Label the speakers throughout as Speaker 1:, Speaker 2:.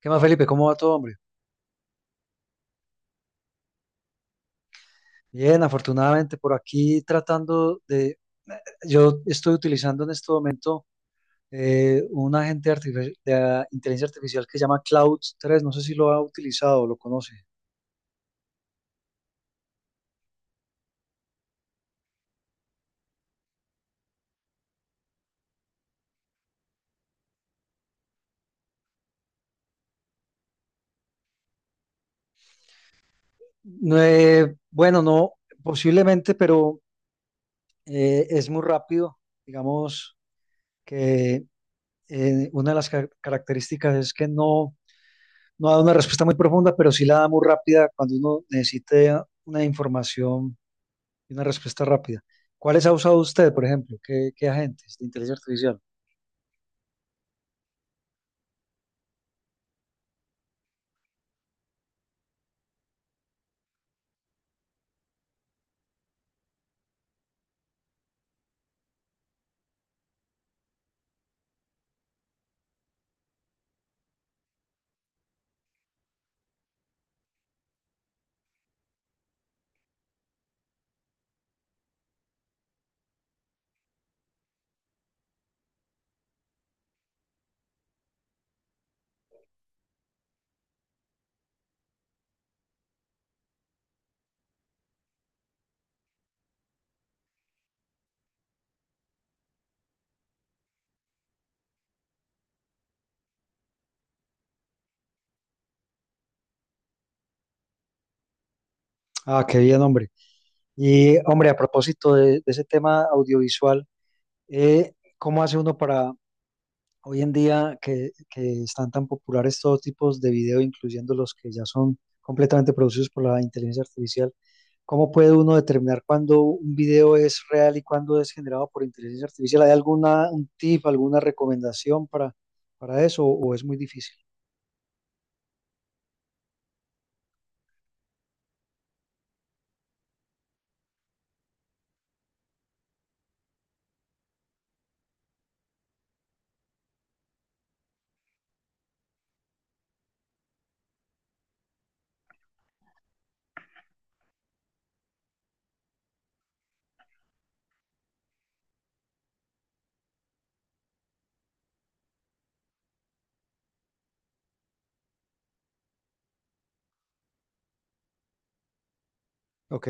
Speaker 1: ¿Qué más, Felipe? ¿Cómo va todo, hombre? Bien, afortunadamente por aquí tratando de... eh, yo estoy utilizando en este momento un agente de inteligencia artificial que se llama Cloud 3. No sé si lo ha utilizado o lo conoce. No, bueno, no, posiblemente, pero es muy rápido. Digamos que una de las características es que no, no da una respuesta muy profunda, pero sí la da muy rápida cuando uno necesita una información y una respuesta rápida. ¿Cuáles ha usado usted, por ejemplo? ¿Qué agentes de inteligencia artificial? Ah, qué bien, hombre. Y, hombre, a propósito de ese tema audiovisual, eh, ¿cómo hace uno para hoy en día que están tan populares todos tipos de video, incluyendo los que ya son completamente producidos por la inteligencia artificial? ¿Cómo puede uno determinar cuándo un video es real y cuándo es generado por inteligencia artificial? ¿Hay alguna un tip, alguna recomendación para eso o es muy difícil? Ok.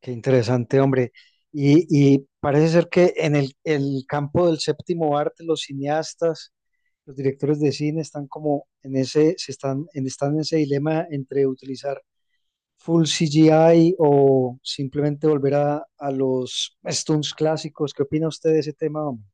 Speaker 1: Qué interesante, hombre. Y, y parece ser que en el campo del séptimo arte, los cineastas, los directores de cine están como en ese, están en ese dilema entre utilizar full CGI o simplemente volver a los stunts clásicos. ¿Qué opina usted de ese tema, hombre?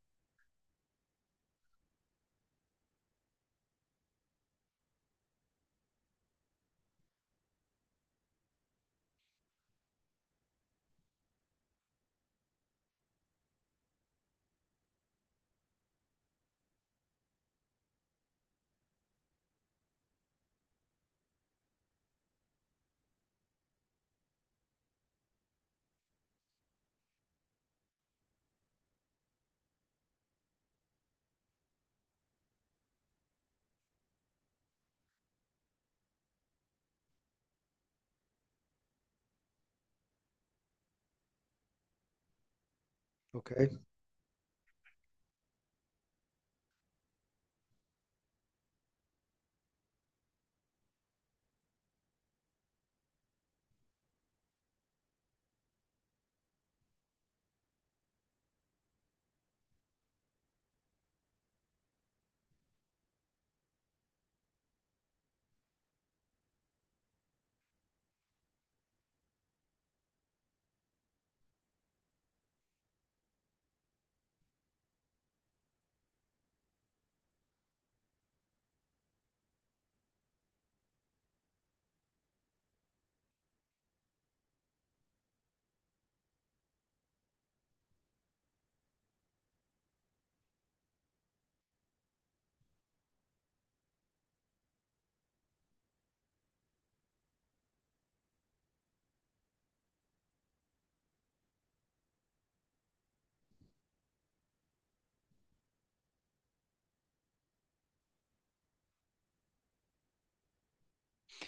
Speaker 1: Ok.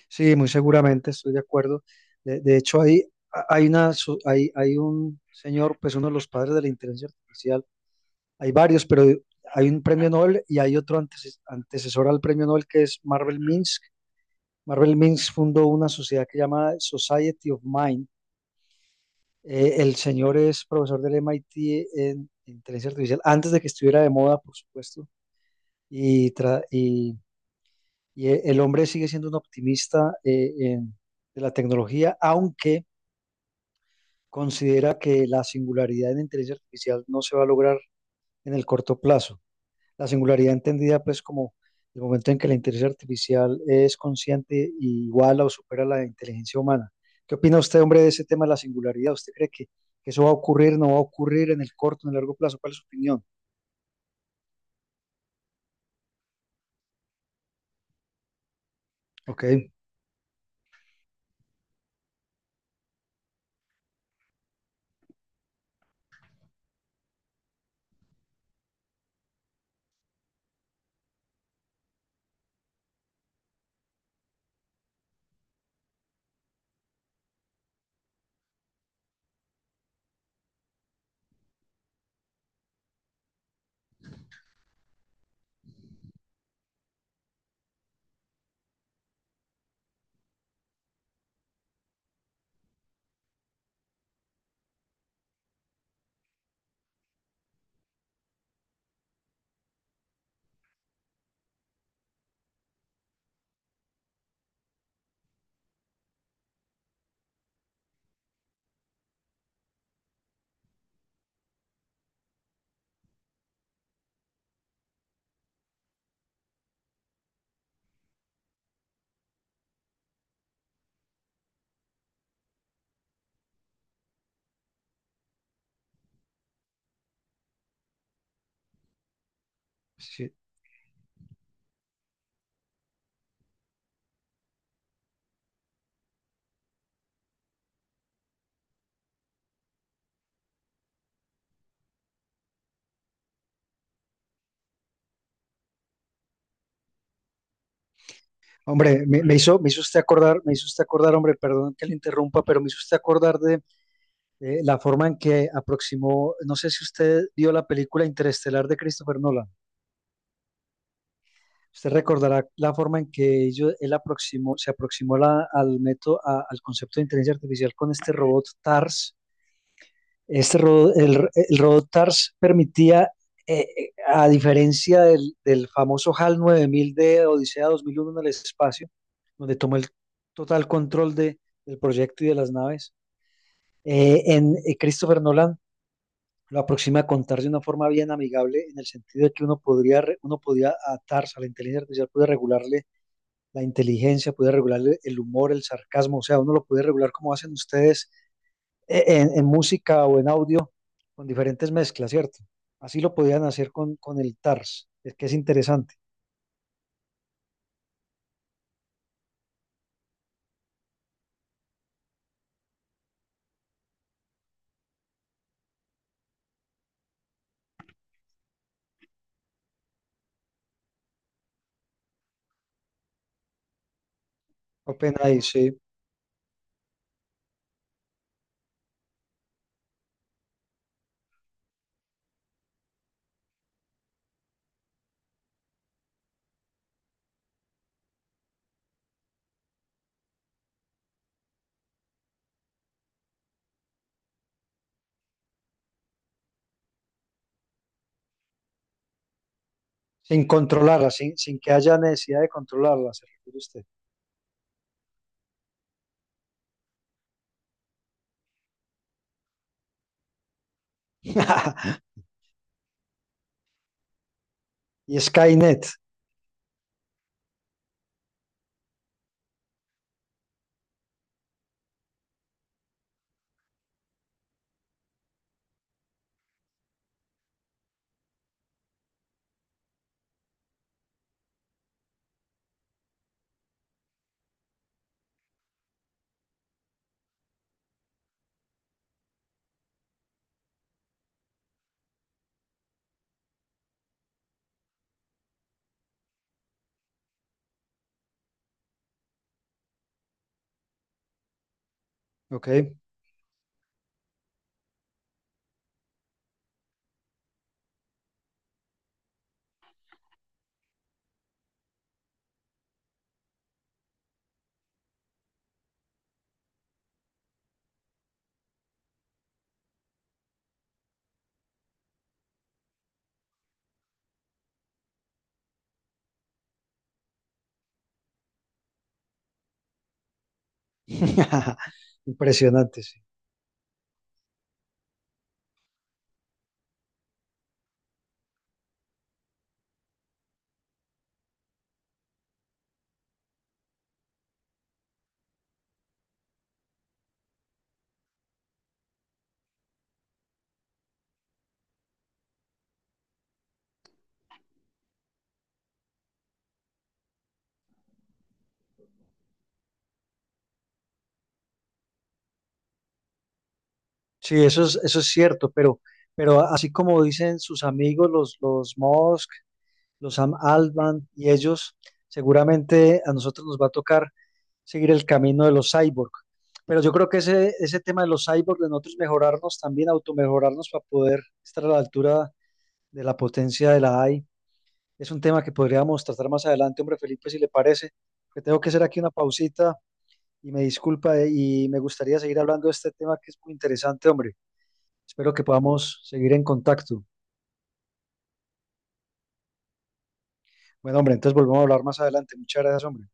Speaker 1: Sí, muy seguramente estoy de acuerdo. De hecho, hay, una, so- hay un señor, pues uno de los padres de la inteligencia artificial, hay varios, pero hay un premio Nobel y hay otro antes, antecesor al premio Nobel que es Marvel Minsk. Marvel Minsk fundó una sociedad que se llama Society of Mind. El señor es profesor del MIT en inteligencia artificial, antes de que estuviera de moda, por supuesto, y, tra y e, el hombre sigue siendo un optimista de la tecnología, aunque considera que la singularidad en inteligencia artificial no se va a lograr en el corto plazo. La singularidad entendida pues como el momento en que la inteligencia artificial es consciente y iguala o supera la inteligencia humana. ¿Qué opina usted, hombre, de ese tema de la singularidad? ¿Usted cree que eso va a ocurrir, no va a ocurrir en el corto, en el largo plazo? ¿Cuál es su opinión? Ok, sí. Hombre, me hizo usted acordar, hombre, perdón que le interrumpa, pero me hizo usted acordar de la forma en que aproximó, no sé si usted vio la película Interestelar de Christopher Nolan. Usted recordará la forma en que él aproximó, se al concepto de inteligencia artificial con este robot TARS. Este el robot TARS permitía, a diferencia del famoso HAL 9000 de Odisea 2001 en el espacio, donde tomó el total control de, del proyecto y de las naves, en Christopher Nolan lo aproxima a contar de una forma bien amigable, en el sentido de que uno uno podía a TARS, a la inteligencia artificial, puede regularle la inteligencia, puede regular el humor, el sarcasmo, o sea, uno lo puede regular como hacen ustedes en música o en audio con diferentes mezclas, ¿cierto? Así lo podían hacer con el TARS, es que es interesante. OpenAI, sí, sin controlarla, sin, sin que haya necesidad de controlarla, se refiere usted. Y Skynet, ¿ok? Impresionante, sí. Sí, eso es cierto, pero así como dicen sus amigos, los Musk, los Sam Altman y ellos, seguramente a nosotros nos va a tocar seguir el camino de los cyborg. Pero yo creo que ese tema de los cyborg, de nosotros mejorarnos también, automejorarnos para poder estar a la altura de la potencia de la AI, es un tema que podríamos tratar más adelante, hombre Felipe, si le parece, que tengo que hacer aquí una pausita y me disculpa y me gustaría seguir hablando de este tema que es muy interesante, hombre. Espero que podamos seguir en contacto. Bueno, hombre, entonces volvemos a hablar más adelante. Muchas gracias, hombre.